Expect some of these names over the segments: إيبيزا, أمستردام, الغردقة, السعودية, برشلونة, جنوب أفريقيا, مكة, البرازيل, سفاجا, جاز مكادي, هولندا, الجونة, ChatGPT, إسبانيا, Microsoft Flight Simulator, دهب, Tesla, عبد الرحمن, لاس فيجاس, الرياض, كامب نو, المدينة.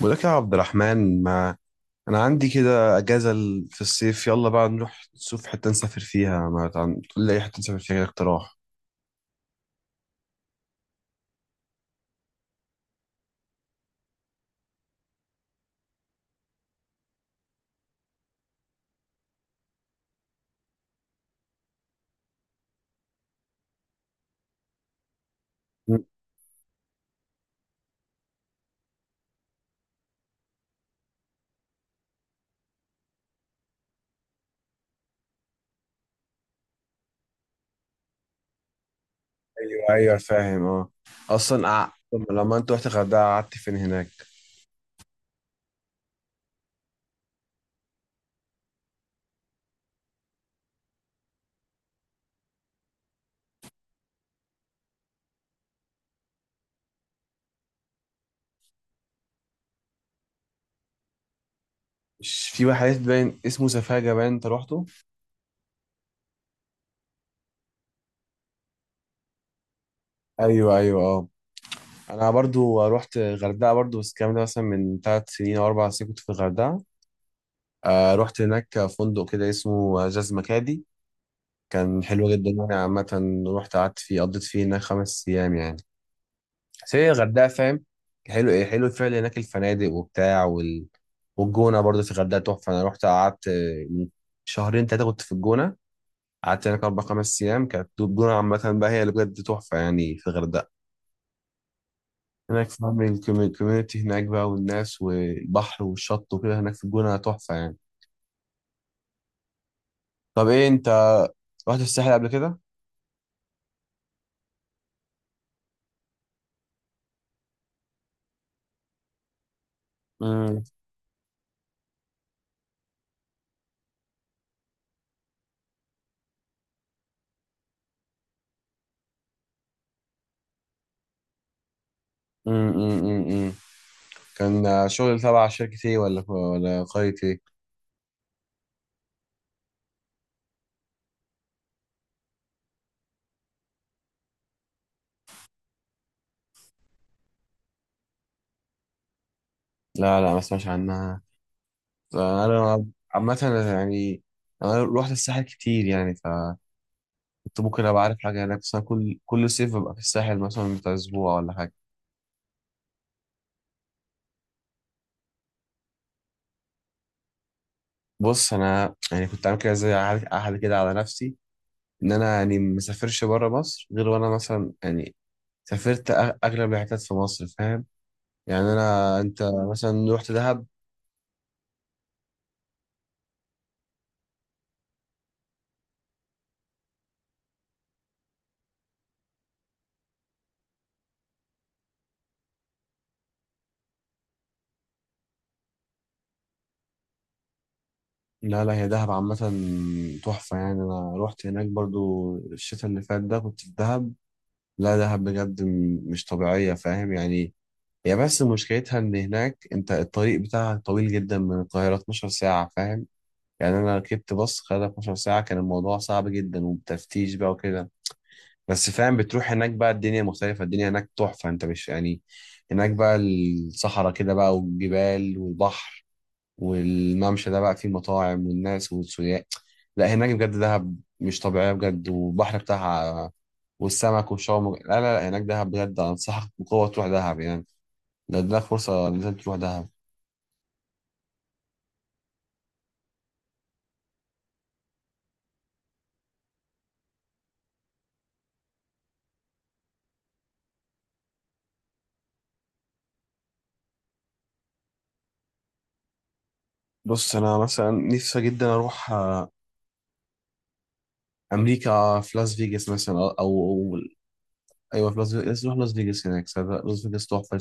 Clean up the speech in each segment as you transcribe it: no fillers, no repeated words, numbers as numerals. بقولك يا عبد الرحمن، ما انا عندي كده اجازه في الصيف، يلا بقى نروح نشوف حته نسافر فيها، ما تقول لي اي حته نسافر فيها كده اقتراح. مم. ايوه ايوه فاهم اه. اصلا طب لما انت رحت الغردقه قعدت فين هناك؟ مش في واحد باين اسمه سفاجه باين انت روحته؟ ايوه ايوه اه. انا برضو رحت الغردقه برضو، بس الكلام ده مثلا من 3 سنين او 4 سنين كنت في الغردقه. آه، رحت هناك فندق كده اسمه جاز مكادي، كان حلو جدا يعني. عامة رحت قعدت فيه قضيت فيه هناك 5 أيام يعني. بس هي الغردقة فاهم. حلو، إيه حلو فعلا هناك الفنادق وبتاع والجونة برضه في الغردقة تحفة. أنا رحت قعدت من شهرين تلاتة كنت في الجونة، قعدت هناك أربع خمس أيام. كانت الجونة عامة بقى هي اللي بجد تحفة يعني في الغردقة هناك فاهم. الكوميونتي هناك بقى والناس والبحر والشط وكده، هناك في الجونة تحفة يعني. طب إيه أنت رحت الساحل قبل كده؟ امم. امم. امم. كان شغل تبع شركة ايه ولا قرية ايه؟ لا لا، ما اسمعش عنها. انا عامة يعني انا روحت الساحل كتير، يعني فكنت ممكن ابقى عارف حاجة هناك، بس انا كل صيف ببقى في الساحل مثلا بتاع اسبوع ولا حاجة. بص انا يعني كنت عامل كده زي عهد عهد كده على نفسي، ان انا يعني ما اسافرش بره مصر، غير وانا مثلا يعني سافرت اغلب الحتت في مصر فاهم؟ يعني انا، انت مثلا رحت دهب. لا لا، هي دهب عامة تحفة يعني. أنا روحت هناك برضو الشتاء اللي فات ده كنت في دهب. لا دهب بجد مش طبيعية فاهم يعني. هي بس مشكلتها إن هناك أنت الطريق بتاعها طويل جدا، من القاهرة 12 ساعة فاهم. يعني أنا ركبت باص خد 12 ساعة، كان الموضوع صعب جدا وبتفتيش بقى وكده. بس فاهم بتروح هناك بقى الدنيا مختلفة، الدنيا هناك تحفة أنت مش يعني. هناك بقى الصحراء كده بقى، والجبال والبحر والممشى ده بقى فيه مطاعم والناس والسياح. لا هناك بجد دهب مش طبيعية بجد، والبحر بتاعها والسمك والشاورما. لا لا لا، هناك دهب بجد. أنصحك بقوة تروح دهب يعني، لو اديلك فرصة لازم تروح دهب. بص أنا مثلا نفسي جدا أروح آه، أمريكا في لاس فيجاس مثلا أو. أيوة، في لاس فيجاس لازم أروح لاس فيجاس، هناك صدق، لاس فيجاس تحفة.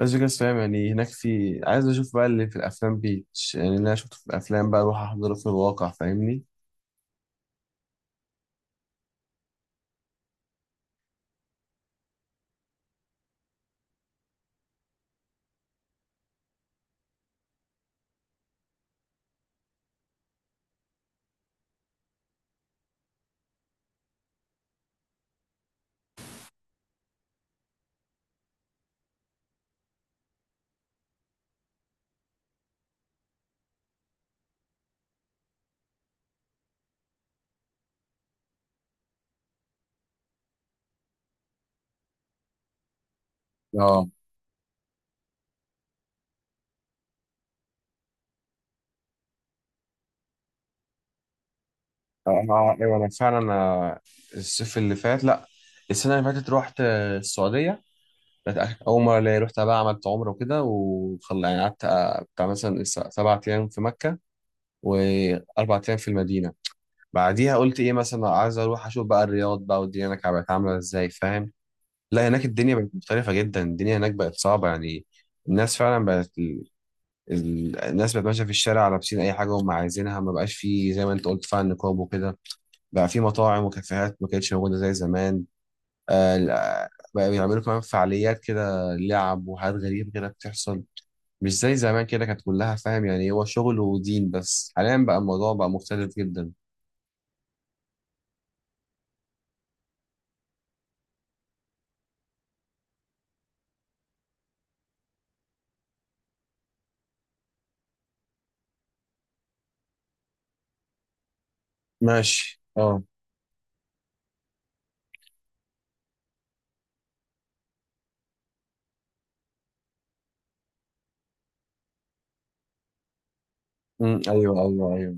لاس فيجاس فاهم يعني، هناك في عايز أشوف بقى اللي في الأفلام بيتش، يعني اللي أنا شفته في الأفلام بقى أروح أحضره في الواقع فاهمني؟ اه اه ايوه، انا فعلا آه، الصيف اللي فات، لا السنه اللي فاتت رحت آه، السعوديه. كانت اول مره ليا، رحت بقى عملت عمره وكده وخل يعني، قعدت آه، بتاع مثلا 7 ايام في مكه واربع ايام في المدينه. بعديها قلت ايه، مثلا عايز اروح اشوف بقى الرياض بقى، والدنيا هناك بقت عامله ازاي فاهم. لا هناك الدنيا بقت مختلفه جدا، الدنيا هناك بقت صعبه يعني. الناس فعلا بقت الناس بقت ماشيه في الشارع لابسين اي حاجه هم عايزينها، ما بقاش فيه زي ما انت قلت فعلا نقاب وكده. بقى في مطاعم وكافيهات ما كانتش موجودة زي زمان. آه، لا، بقى بيعملوا كمان فعاليات كده، لعب وحاجات غريبة كده بتحصل. مش زي زمان كده كانت كلها فاهم يعني، هو شغل ودين، بس حاليا بقى الموضوع بقى مختلف جدا. ماشي اه. ايوه ايوه ايوه.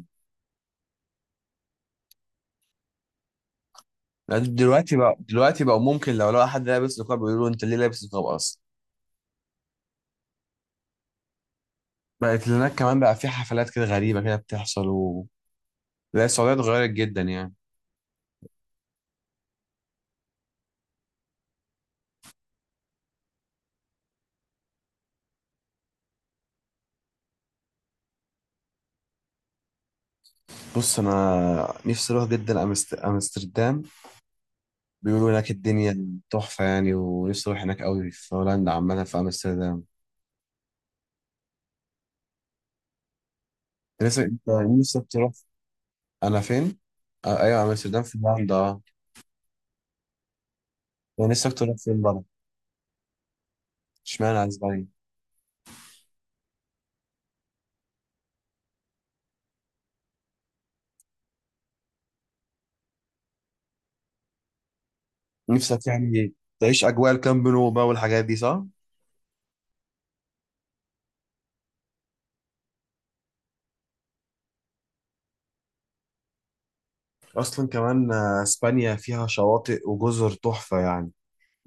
لا، دلوقتي بقى، دلوقتي بقى ممكن لو لقى حد لابس نقاب بيقولوا انت ليه لابس نقاب اصلا. بقت هناك كمان بقى في حفلات كده غريبة كده بتحصل لا السعودية اتغيرت جدا يعني. بص انا نفسي اروح جدا امستردام. بيقولوا هناك الدنيا تحفة يعني، ونفسي أروح هناك أوي في هولندا عامة في أمستردام. نفسك أنت، نفسك تروح أنا فين؟ آه أيوة، أمستردام في هولندا أه. أنا نفسك تروح فين بقى؟ إشمعنى أسبانيا؟ نفسك يعني تعيش أجواء الكامب نو بقى والحاجات دي صح؟ أصلا كمان آه، إسبانيا فيها شواطئ وجزر تحفة يعني.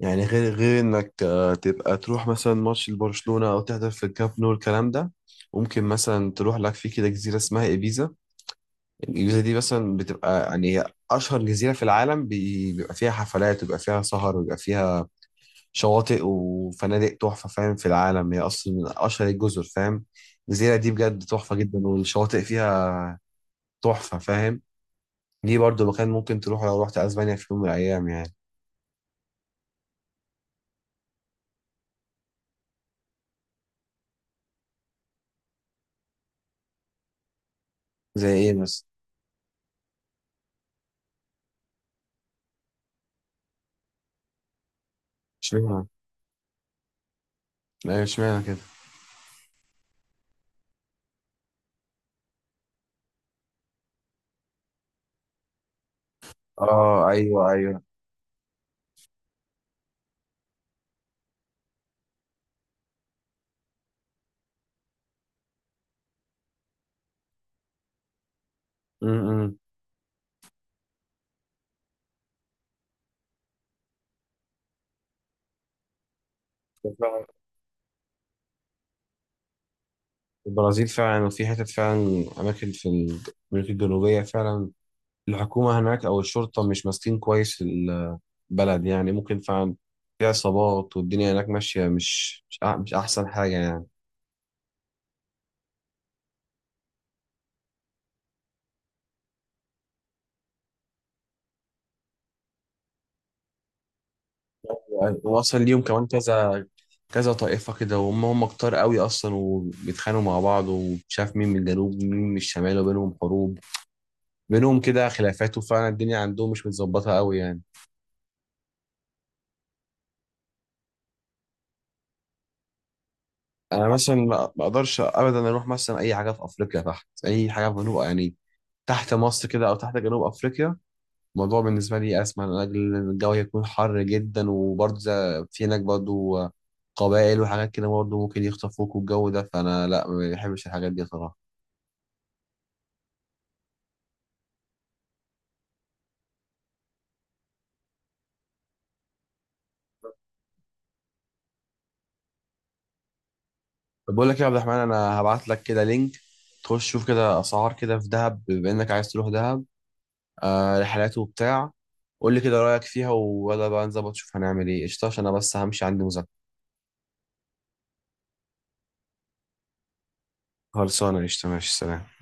يعني غير إنك آه، تبقى تروح مثلا ماتش لبرشلونة أو تحضر في الكامب نو الكلام ده. ممكن مثلا تروح لك في كده جزيرة اسمها إيبيزا. الجزيرة دي مثلا بتبقى يعني هي أشهر جزيرة في العالم، بيبقى فيها حفلات، وبيبقى فيها سهر، وبيبقى فيها شواطئ وفنادق تحفة فاهم، في العالم هي أصلا من أشهر الجزر فاهم. الجزيرة دي بجد تحفة جدا، والشواطئ فيها تحفة فاهم. دي برضو مكان ممكن تروح لو رحت أسبانيا في يوم من الأيام يعني. زي إيه مثلا؟ اشمعنى؟ أيوة اشمعنى كده؟ آه أيوه أيوه. م -م. البرازيل فعلا، وفي حتت فعلا أماكن في أمريكا الجنوبية فعلا، الحكومة هناك أو الشرطة مش ماسكين كويس البلد يعني. ممكن فعلا في عصابات، والدنيا هناك ماشية مش أحسن حاجة يعني. وأصلا ليهم كمان كذا كذا طائفة كده، وهم كتار قوي أصلا، وبيتخانقوا مع بعض، ومش عارف مين من الجنوب ومين من الشمال، وبينهم حروب، بينهم كده خلافات، وفعلا الدنيا عندهم مش متظبطة قوي يعني. أنا مثلا ما أقدرش أبدا أروح مثلا أي حاجة في أفريقيا، تحت أي حاجة في جنوب يعني، تحت مصر كده أو تحت جنوب أفريقيا. الموضوع بالنسبة لي أسمع من أجل إن الجو هيكون حر جدا، وبرضه في هناك برضه قبائل وحاجات كده، برضه ممكن يخطفوك والجو ده، فأنا لا ما بحبش الحاجات دي صراحة. طب بقول لك إيه يا عبد الرحمن، أنا هبعت لك كده لينك تخش شوف كده أسعار كده في دهب، بما إنك عايز تروح دهب. آه، رحلات وبتاع. قول لي كده رأيك فيها، ويلا بقى نظبط شوف هنعمل إيه قشطة، عشان أنا بس همشي عندي مذاكرة. خلصانة قشطة، ماشي سلام.